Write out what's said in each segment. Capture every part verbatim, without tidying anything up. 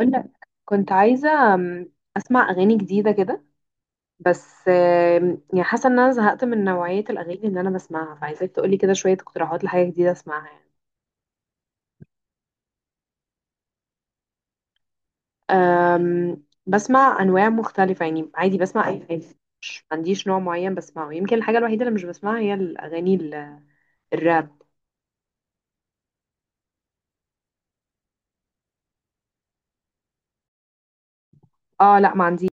قولك كنت عايزة أم، أسمع أغاني جديدة كده، بس أم، يعني حاسة إن أنا زهقت من نوعية الأغاني اللي أنا بسمعها، فعايزاك تقولي كده شوية اقتراحات لحاجة جديدة أسمعها يعني. أم، بسمع أنواع مختلفة يعني، عادي بسمع أي حاجة، ما عنديش نوع معين بسمعه. يمكن الحاجة الوحيدة اللي مش بسمعها هي الأغاني ال- الراب. اه لا، ما عنديش.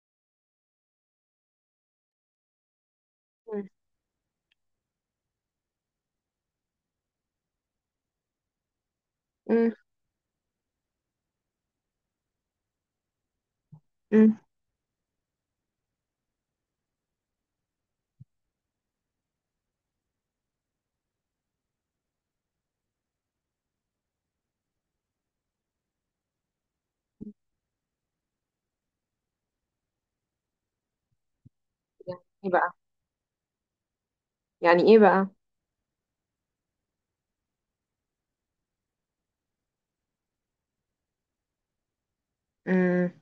مم، مم، مم. يعني إيه بقى؟ يعني إيه بقى مم.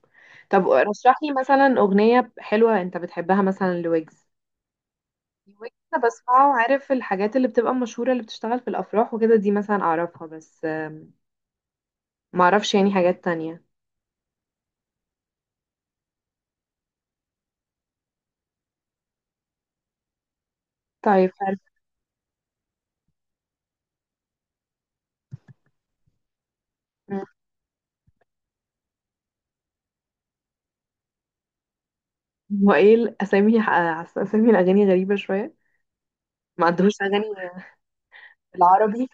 طب رشح لي مثلا أغنية حلوة أنت بتحبها، مثلا لويجز. ويجز انا بسمعه، عارف الحاجات اللي بتبقى مشهورة، اللي بتشتغل في الافراح وكده، دي مثلا اعرفها، بس آم، ما اعرفش يعني حاجات تانية. طيب حلو. مم. هو ايه الاسامي؟ آه، اسامي الاغاني غريبة شوية، ما عندهوش اغاني بالعربي؟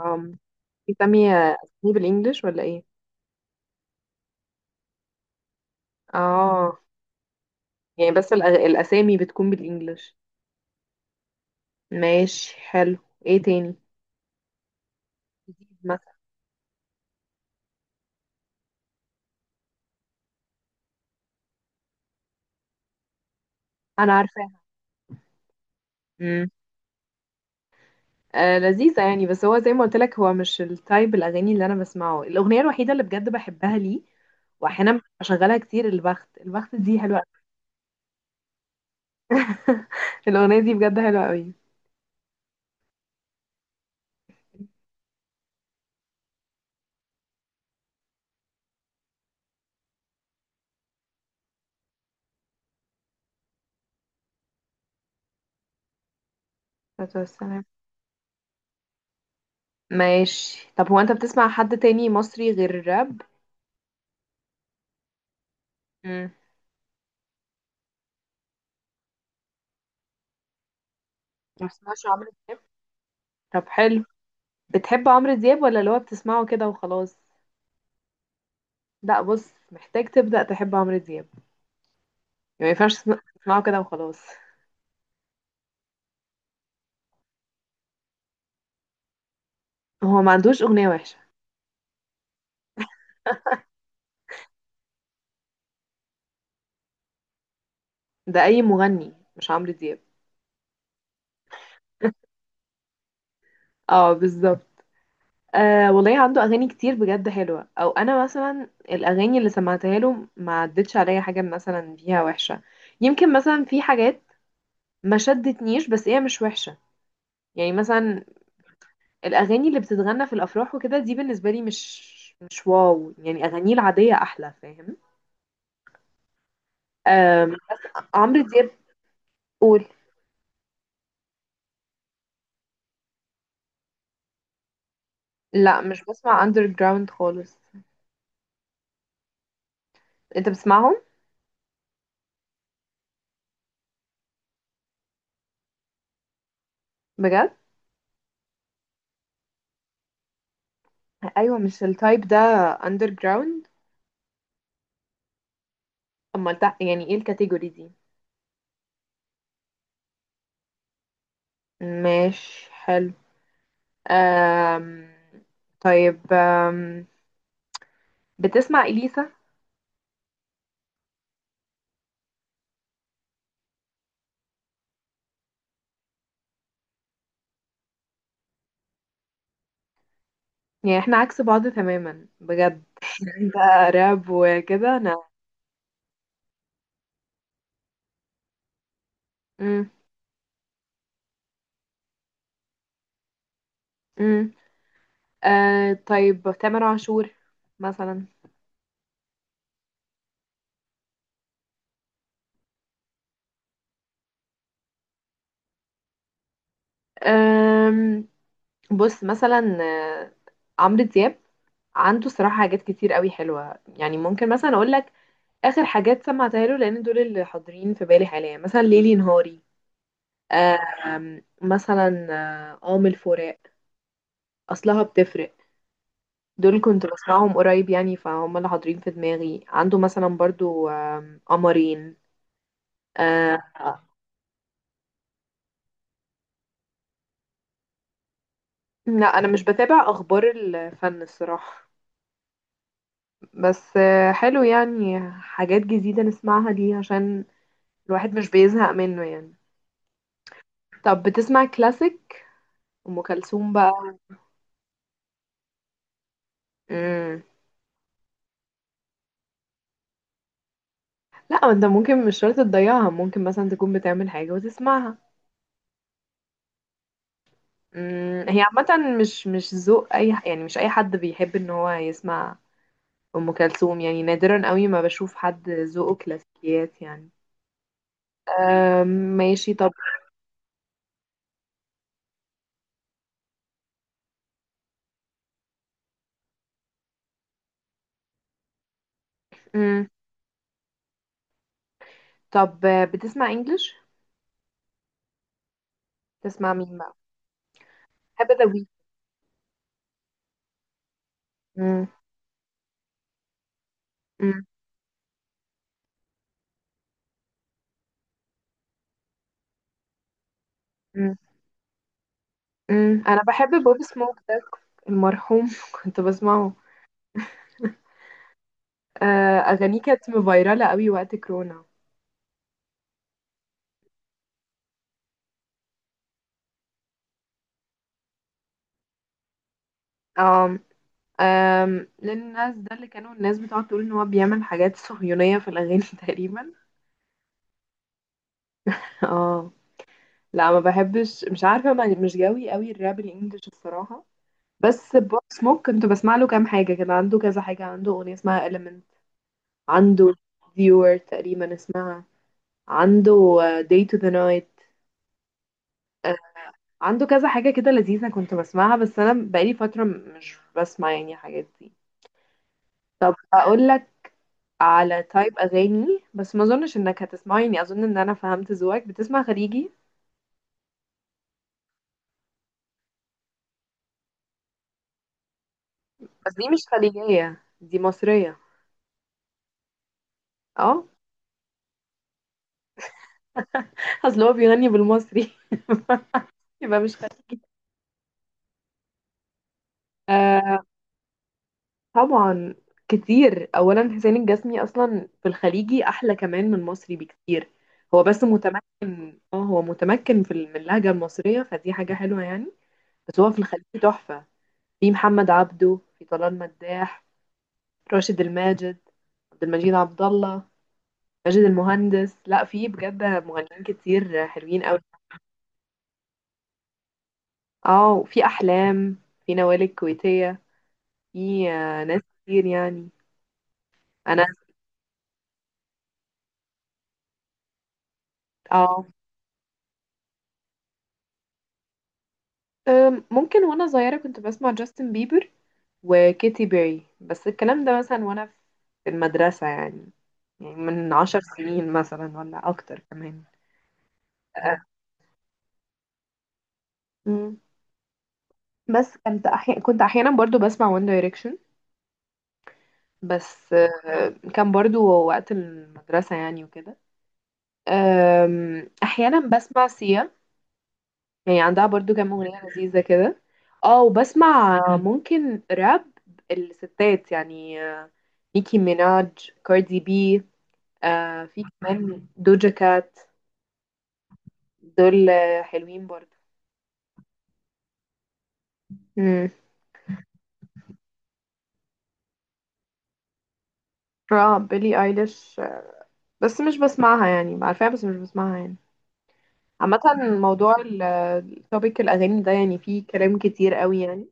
آم، بيسمي آه، اسامي بالانجلش ولا ايه؟ اه، يعني بس الأغ... الاسامي بتكون بالانجلش. ماشي حلو. ايه تاني جديد مثلا؟ انا عارفاها. مم. آه لذيذة يعني، بس هو زي ما قلت لك، هو مش التايب الأغاني اللي أنا بسمعه. الأغنية الوحيدة اللي بجد بحبها ليه وأحيانا بشغلها كتير، البخت البخت دي حلوة أوي. الأغنية دي بجد حلوة قوي. السلام. ماشي، طب هو أنت بتسمع حد تاني مصري غير الراب؟ مم. ما بتسمعش عمرو دياب؟ طب حلو. بتحب عمرو دياب ولا اللي هو بتسمعه كده وخلاص؟ لا بص، محتاج تبدأ تحب عمرو دياب يعني، ما ينفعش تسمع- تسمعه كده وخلاص. هو ما عندوش أغنية وحشة؟ ده أي مغني مش عمرو دياب. اه بالظبط. آه والله عنده اغاني كتير بجد حلوه، او انا مثلا الاغاني اللي سمعتها له ما عدتش عليا حاجه مثلا فيها وحشه. يمكن مثلا في حاجات ما شدتنيش، بس هي مش وحشه. يعني مثلا الاغاني اللي بتتغنى في الافراح وكده دي، بالنسبه لي مش مش واو يعني، اغانيه العاديه احلى، فاهم؟ آه عمرو دياب، قول. لا مش بسمع اندر جراوند خالص. انت بتسمعهم؟ بجد؟ ايوه، مش التايب ده اندر جراوند؟ امال ده يعني ايه الكاتيجوري دي؟ ماشي حلو. أم... طيب، أم... بتسمع إليسا؟ يعني احنا عكس بعض تماما بجد. انت راب وكده، انا. مم. مم. أه... طيب تامر عاشور مثلا؟ أم... بص مثلا، آه، عمرو دياب عنده صراحة حاجات كتير قوي حلوة يعني، ممكن مثلا اقول لك اخر حاجات سمعتها له، لان دول اللي حاضرين في بالي حاليا، مثلا ليلي نهاري. أم... مثلا آه، قام الفراق، أصلها بتفرق، دول كنت باسمعهم قريب يعني، فهُم اللي حاضرين في دماغي. عنده مثلًا برضه آمم، قمرين. آآ لأ أنا مش باتابع أخبار الفن الصراحة، بس آه، حلو يعني حاجات جديدة نسمعها دي، عشان الواحد مش بيزهق منه يعني. طب بتسمع كلاسيك أم كلثوم بقى؟ إمم، لأ ما أنت ممكن مش شرط تضيّعها، ممكن مثلًا تكون بتعمل حاجة وتسمعها. إمم، هي عامةً مش مش ذوق أي ح يعني، مش أي حد بيحب إن هو يسمع ام كلثوم يعني، نادرا قوي ما بشوف حد ذوقه كلاسيكيات يعني. أم، ماشي طب. مم. طب آه، بتسمع انجلش؟ تسمع مين بقى؟ بحب ذا ويك. مم. مم. مم. مم. انا بحب بوب سموك ده، المرحوم. كنت بسمعه، آه، اغانيه كانت مفيرالة قوي وقت كورونا. آم، آم، للناس ده اللي كانوا الناس بتقعد تقول ان هو بيعمل حاجات صهيونية في الاغاني تقريبا. اه لا، ما بحبش، مش عارفة، ما- مش جوي قوي الراب الانجليش الصراحة. بس بوب سموك كنت بسمع له كام حاجة، كان عنده كذا حاجة. عنده أغنية اسمها إلمنت، عنده فيور تقريبا اسمها، عنده آه، داي تو ذا نايت، آه، عنده كذا حاجة كده لذيذة كنت بسمعها، بس أنا بقالي فترة م- مش بسمع يعني حاجات دي. طب أقول لك على تايب أغاني، بس ما أظنش إنك هتسمعه يعني، أظن إن أنا فهمت ذوقك. بتسمع خليجي؟ بس دي مش خليجية، دي مصرية. اه. أصل هو بيغني بالمصري. يبقى مش خليجي. آه، طبعا كتير. اولا حسين الجسمي اصلا في الخليجي احلى كمان من المصري بكتير، هو بس متمكن. اه هو متمكن في ال- من اللهجه المصريه، فدي حاجه حلوه يعني. بس هو في الخليجي تحفه. في محمد عبده، في طلال مداح، راشد الماجد، عبد المجيد عبد الله، ماجد المهندس. لا في بجد مغنيين كتير حلوين قوي. اه وفي احلام، في نوال الكويتيه، في آه، ناس كتير يعني. انا اه، أم، ممكن وانا صغيرة كنت بسمع جاستن بيبر وكيتي بيري، بس الكلام ده مثلا وانا في المدرسة يعني. يعني من عشر سنين مثلا ولا اكتر كمان. أه. مم. بس كنت أحيانا، كنت احيانا برضو بسمع وان دايركشن، بس أه، كان برضو وقت المدرسة يعني وكده. أم، احيانا بسمع سيا، يعني عندها برضو كام اغنية لذيذة كده. اه وبسمع ممكن راب الستات يعني، نيكي ميناج، كاردي بي، آه في كمان دوجا كات. دول آه، حلوين برضو. امم، اه بيلي ايليش آه، بس مش بسمعها يعني، عارفاها بس مش بسمعها يعني. عامة موضوع التوبيك الأغاني ده يعني فيه كلام كتير قوي يعني،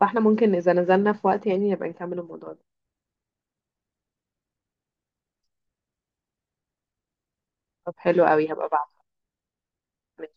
فاحنا ممكن إذا نزلنا في وقت يعني نبقى نكمل الموضوع ده. طب حلو قوي، هبقى بعد